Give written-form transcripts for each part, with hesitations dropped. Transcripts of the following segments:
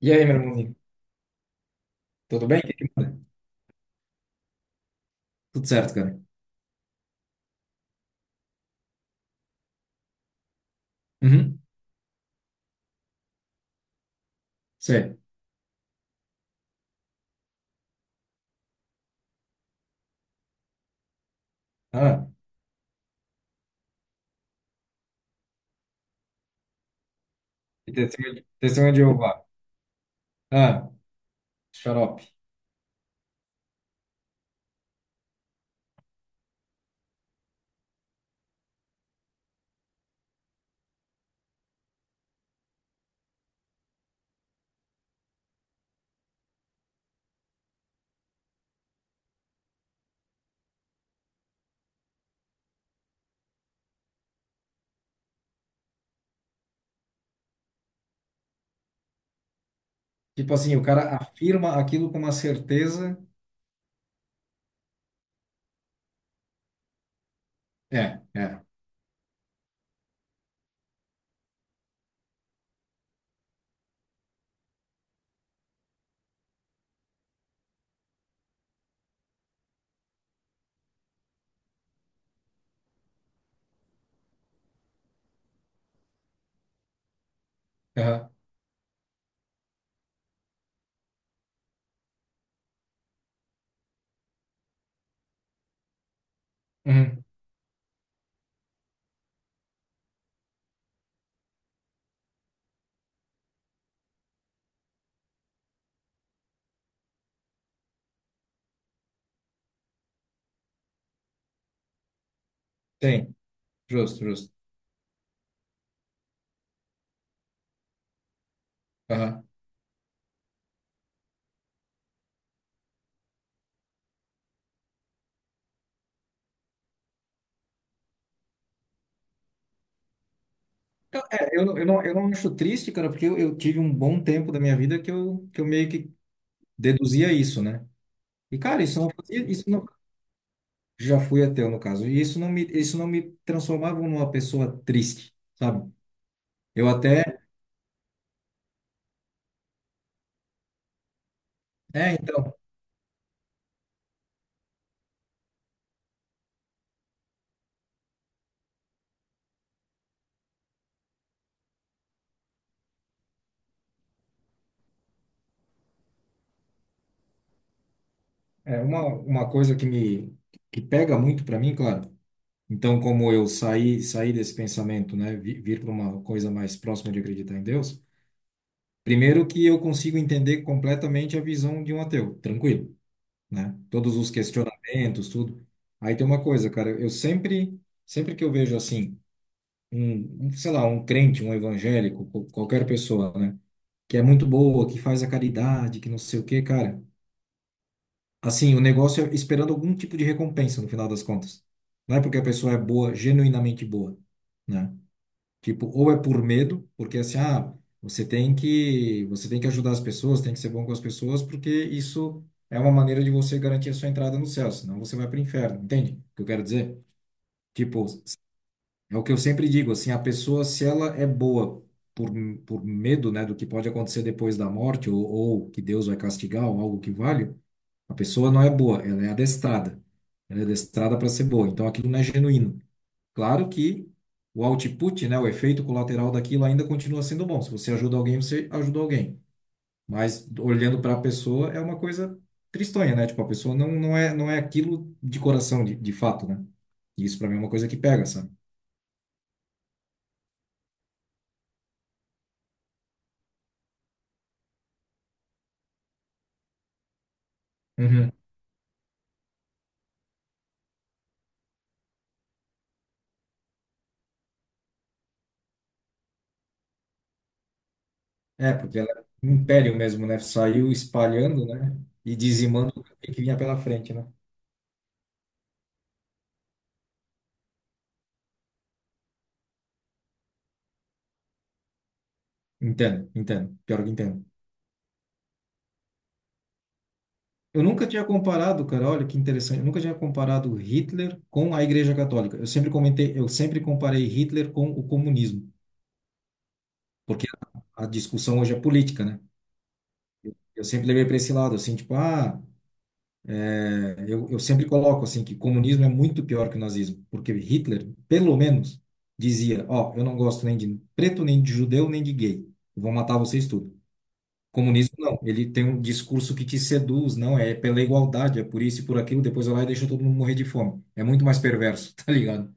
E aí, meu irmãozinho? Tudo bem? O que que manda? Tudo certo, cara. Uhum. Sei. Ah, e testemunho de Jeová. Ah, xarope. Tipo assim, o cara afirma aquilo com uma certeza. É, é. Aham. Uhum. Tem. Justo, justo. Aham. Então, é, eu não acho triste, cara, porque eu tive um bom tempo da minha vida que eu meio que deduzia isso, né? E, cara, isso não fazia, isso não, já fui ateu, no caso. E isso não me transformava numa pessoa triste, sabe? Eu até, é, então. É uma coisa que pega muito para mim, claro. Então, como eu saí desse pensamento, né, vir para uma coisa mais próxima de acreditar em Deus, primeiro que eu consigo entender completamente a visão de um ateu, tranquilo, né? Todos os questionamentos, tudo. Aí tem uma coisa, cara, eu sempre que eu vejo assim sei lá, um crente, um evangélico, qualquer pessoa, né, que é muito boa, que faz a caridade, que não sei o quê, cara, assim, o negócio é esperando algum tipo de recompensa no final das contas. Não é porque a pessoa é boa, genuinamente boa, né? Tipo, ou é por medo, porque assim, ah, você tem que ajudar as pessoas, tem que ser bom com as pessoas, porque isso é uma maneira de você garantir a sua entrada no céu, senão você vai para o inferno, entende? O que eu quero dizer? Tipo, é o que eu sempre digo, assim, a pessoa, se ela é boa por, por medo, né, do que pode acontecer depois da morte, ou que Deus vai castigar, ou algo que vale a pessoa não é boa, ela é adestrada. Ela é adestrada para ser boa. Então aquilo não é genuíno. Claro que o output, né, o efeito colateral daquilo ainda continua sendo bom. Se você ajuda alguém, você ajuda alguém. Mas olhando para a pessoa é uma coisa tristonha, né? Tipo, a pessoa não é aquilo de coração, de fato, né? E isso para mim é uma coisa que pega, sabe? Uhum. É, porque ela é um império mesmo, né? Saiu espalhando, né? E dizimando o que vinha pela frente, né? Entendo, entendo. Pior que entendo. Eu nunca tinha comparado, cara, olha que interessante. Eu nunca tinha comparado Hitler com a Igreja Católica. Eu sempre comentei, eu sempre comparei Hitler com o comunismo, porque a discussão hoje é política, né? Eu sempre levei para esse lado, assim, tipo, ah, é, eu sempre coloco assim que comunismo é muito pior que o nazismo, porque Hitler, pelo menos, dizia, ó, eu não gosto nem de preto, nem de judeu, nem de gay. Eu vou matar vocês tudo. Comunismo não, ele tem um discurso que te seduz, não, é pela igualdade, é por isso e por aquilo, depois vai lá e deixa todo mundo morrer de fome. É muito mais perverso, tá ligado?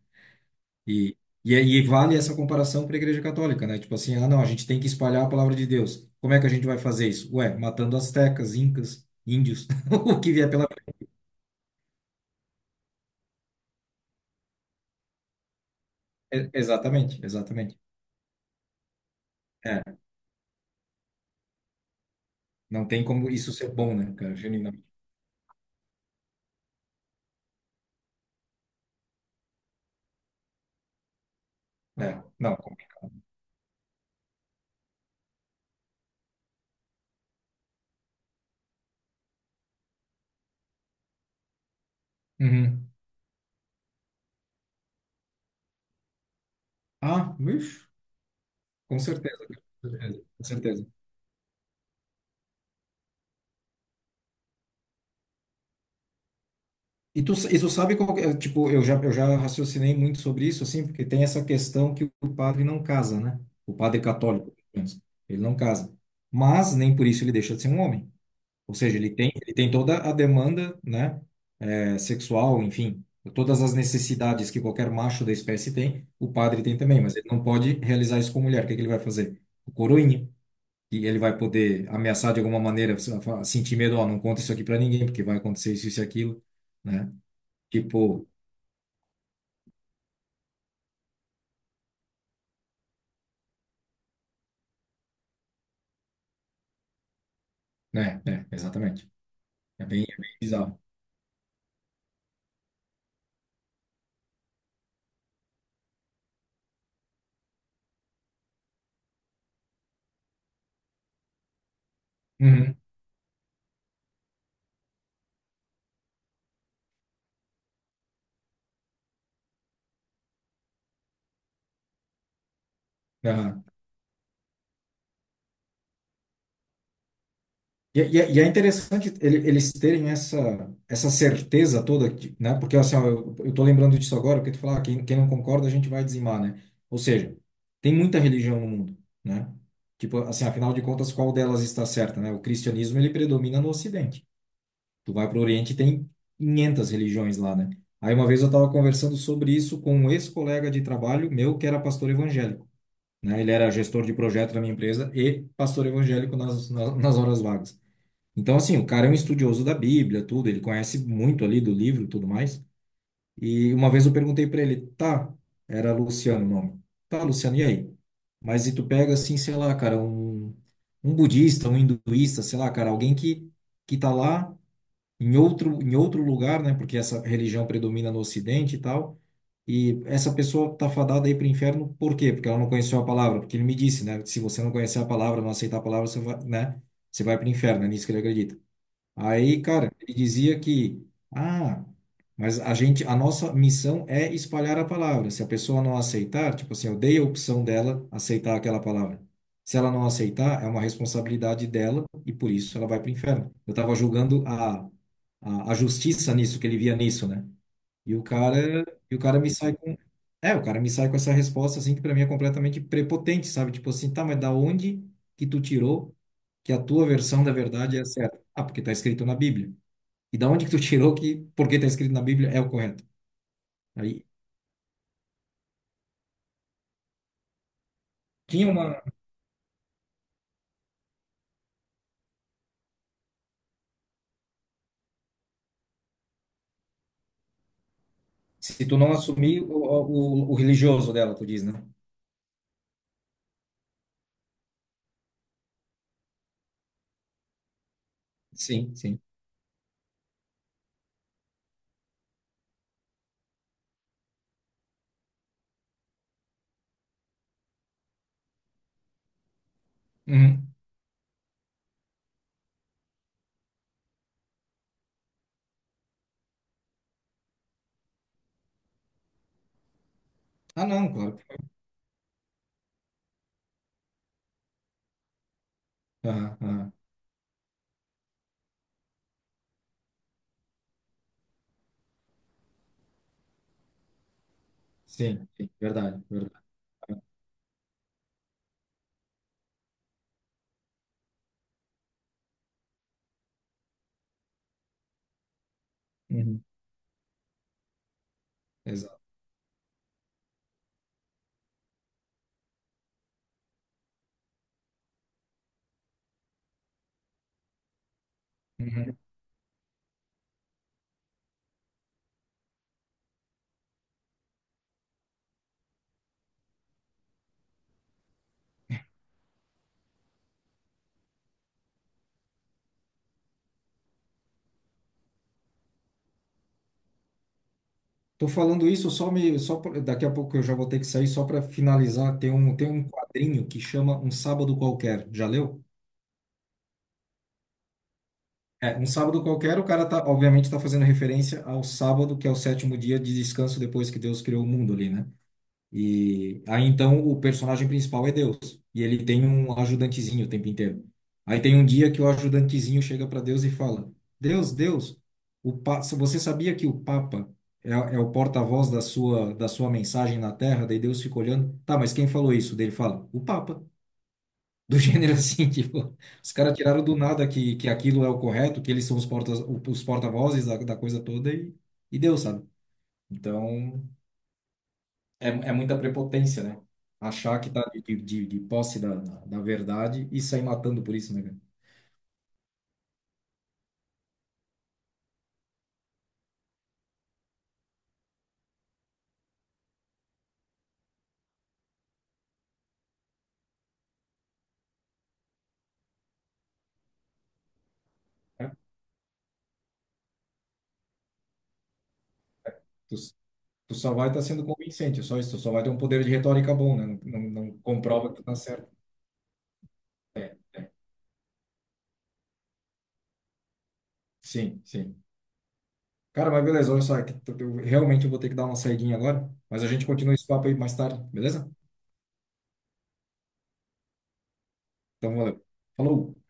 E, e vale essa comparação para a Igreja Católica, né? Tipo assim, ah, não, a gente tem que espalhar a palavra de Deus. Como é que a gente vai fazer isso? Ué, matando astecas, incas, índios, o que vier pela. É, exatamente, exatamente. É, não tem como isso ser bom, né, cara, genuinamente. É, não. Uhum. Ah, bicho, com certeza, cara, com certeza, com certeza. E tu sabe qual que é, tipo, eu já raciocinei muito sobre isso, assim, porque tem essa questão que o padre não casa, né? O padre católico, pelo menos, ele não casa. Mas nem por isso ele deixa de ser um homem. Ou seja, ele tem toda a demanda, né, é, sexual, enfim, todas as necessidades que qualquer macho da espécie tem, o padre tem também, mas ele não pode realizar isso com mulher. O que é que ele vai fazer? O coroinha, e ele vai poder ameaçar de alguma maneira, sentir medo, ó, não conta isso aqui para ninguém, porque vai acontecer isso e aquilo, né? Tipo, né, exatamente. É bem bizarro. Uhum. Aham. E é interessante eles terem essa, essa certeza toda, de- né? Porque assim, ó, eu tô lembrando disso agora, porque tu fala, ah, quem não concorda, a gente vai dizimar, né? Ou seja, tem muita religião no mundo, né? Tipo, assim, afinal de contas, qual delas está certa, né? O cristianismo, ele predomina no Ocidente. Tu vai para o Oriente, tem 500 religiões lá, né? Aí uma vez eu estava conversando sobre isso com um ex-colega de trabalho meu, que era pastor evangélico. Né? Ele era gestor de projeto da minha empresa e pastor evangélico nas horas vagas. Então, assim, o cara é um estudioso da Bíblia, tudo, ele conhece muito ali do livro e tudo mais. E uma vez eu perguntei para ele, tá, era Luciano o nome. Tá, Luciano, e aí? Mas e tu pega, assim, sei lá, cara, um budista, um hinduísta, sei lá, cara, alguém que tá lá em outro lugar, né? Porque essa religião predomina no Ocidente e tal e essa pessoa tá fadada aí para o inferno, por quê? Porque ela não conheceu a palavra, porque ele me disse, né? Se você não conhecer a palavra, não aceitar a palavra, você vai, né? Você vai para o inferno, é nisso que ele acredita. Aí, cara, ele dizia que, ah, mas a gente, a nossa missão é espalhar a palavra. Se a pessoa não aceitar, tipo assim, eu dei a opção dela aceitar aquela palavra. Se ela não aceitar, é uma responsabilidade dela e por isso ela vai para o inferno. Eu estava julgando a justiça nisso, que ele via nisso, né? E o cara, e o cara me sai com. É, o cara me sai com essa resposta, assim, que pra mim é completamente prepotente, sabe? Tipo assim, tá, mas da onde que tu tirou que a tua versão da verdade é a certa? Ah, porque tá escrito na Bíblia. E da onde que tu tirou que porque tá escrito na Bíblia é o correto? Aí tinha uma. Se tu não assumir o religioso dela, tu diz, né? Sim, sim. Uhum. Ah, não, claro. Aham, aham. Sim, sim, verdade, verdade. Uhum. Exato. Uhum. Tô falando isso só me só pra- daqui a pouco eu já vou ter que sair só para finalizar. Tem um quadrinho que chama Um Sábado Qualquer. Já leu? É, Um Sábado Qualquer, o cara obviamente tá fazendo referência ao sábado, que é o sétimo dia de descanso depois que Deus criou o mundo ali, né? E aí então o personagem principal é Deus, e ele tem um ajudantezinho o tempo inteiro. Aí tem um dia que o ajudantezinho chega para Deus e fala: Deus, Deus, você sabia que o Papa é o porta-voz da sua mensagem na Terra? Daí Deus fica olhando: tá, mas quem falou isso? Daí ele fala: o Papa. Do gênero assim, tipo, os caras tiraram do nada que, que aquilo é o correto, que eles são os porta-vozes da coisa toda e Deus, sabe? Então é, é muita prepotência, né? Achar que tá de posse da verdade e sair matando por isso, né, cara? É. Tu, tu só vai estar sendo convincente, é só isso. Tu só vai ter um poder de retórica bom, né? Não comprova que tu tá certo. É, é. Sim, sim. Cara, mas beleza, olha só, é que tu- eu realmente vou ter que dar uma saidinha agora, mas a gente continua esse papo aí mais tarde, beleza? Então, valeu. Falou!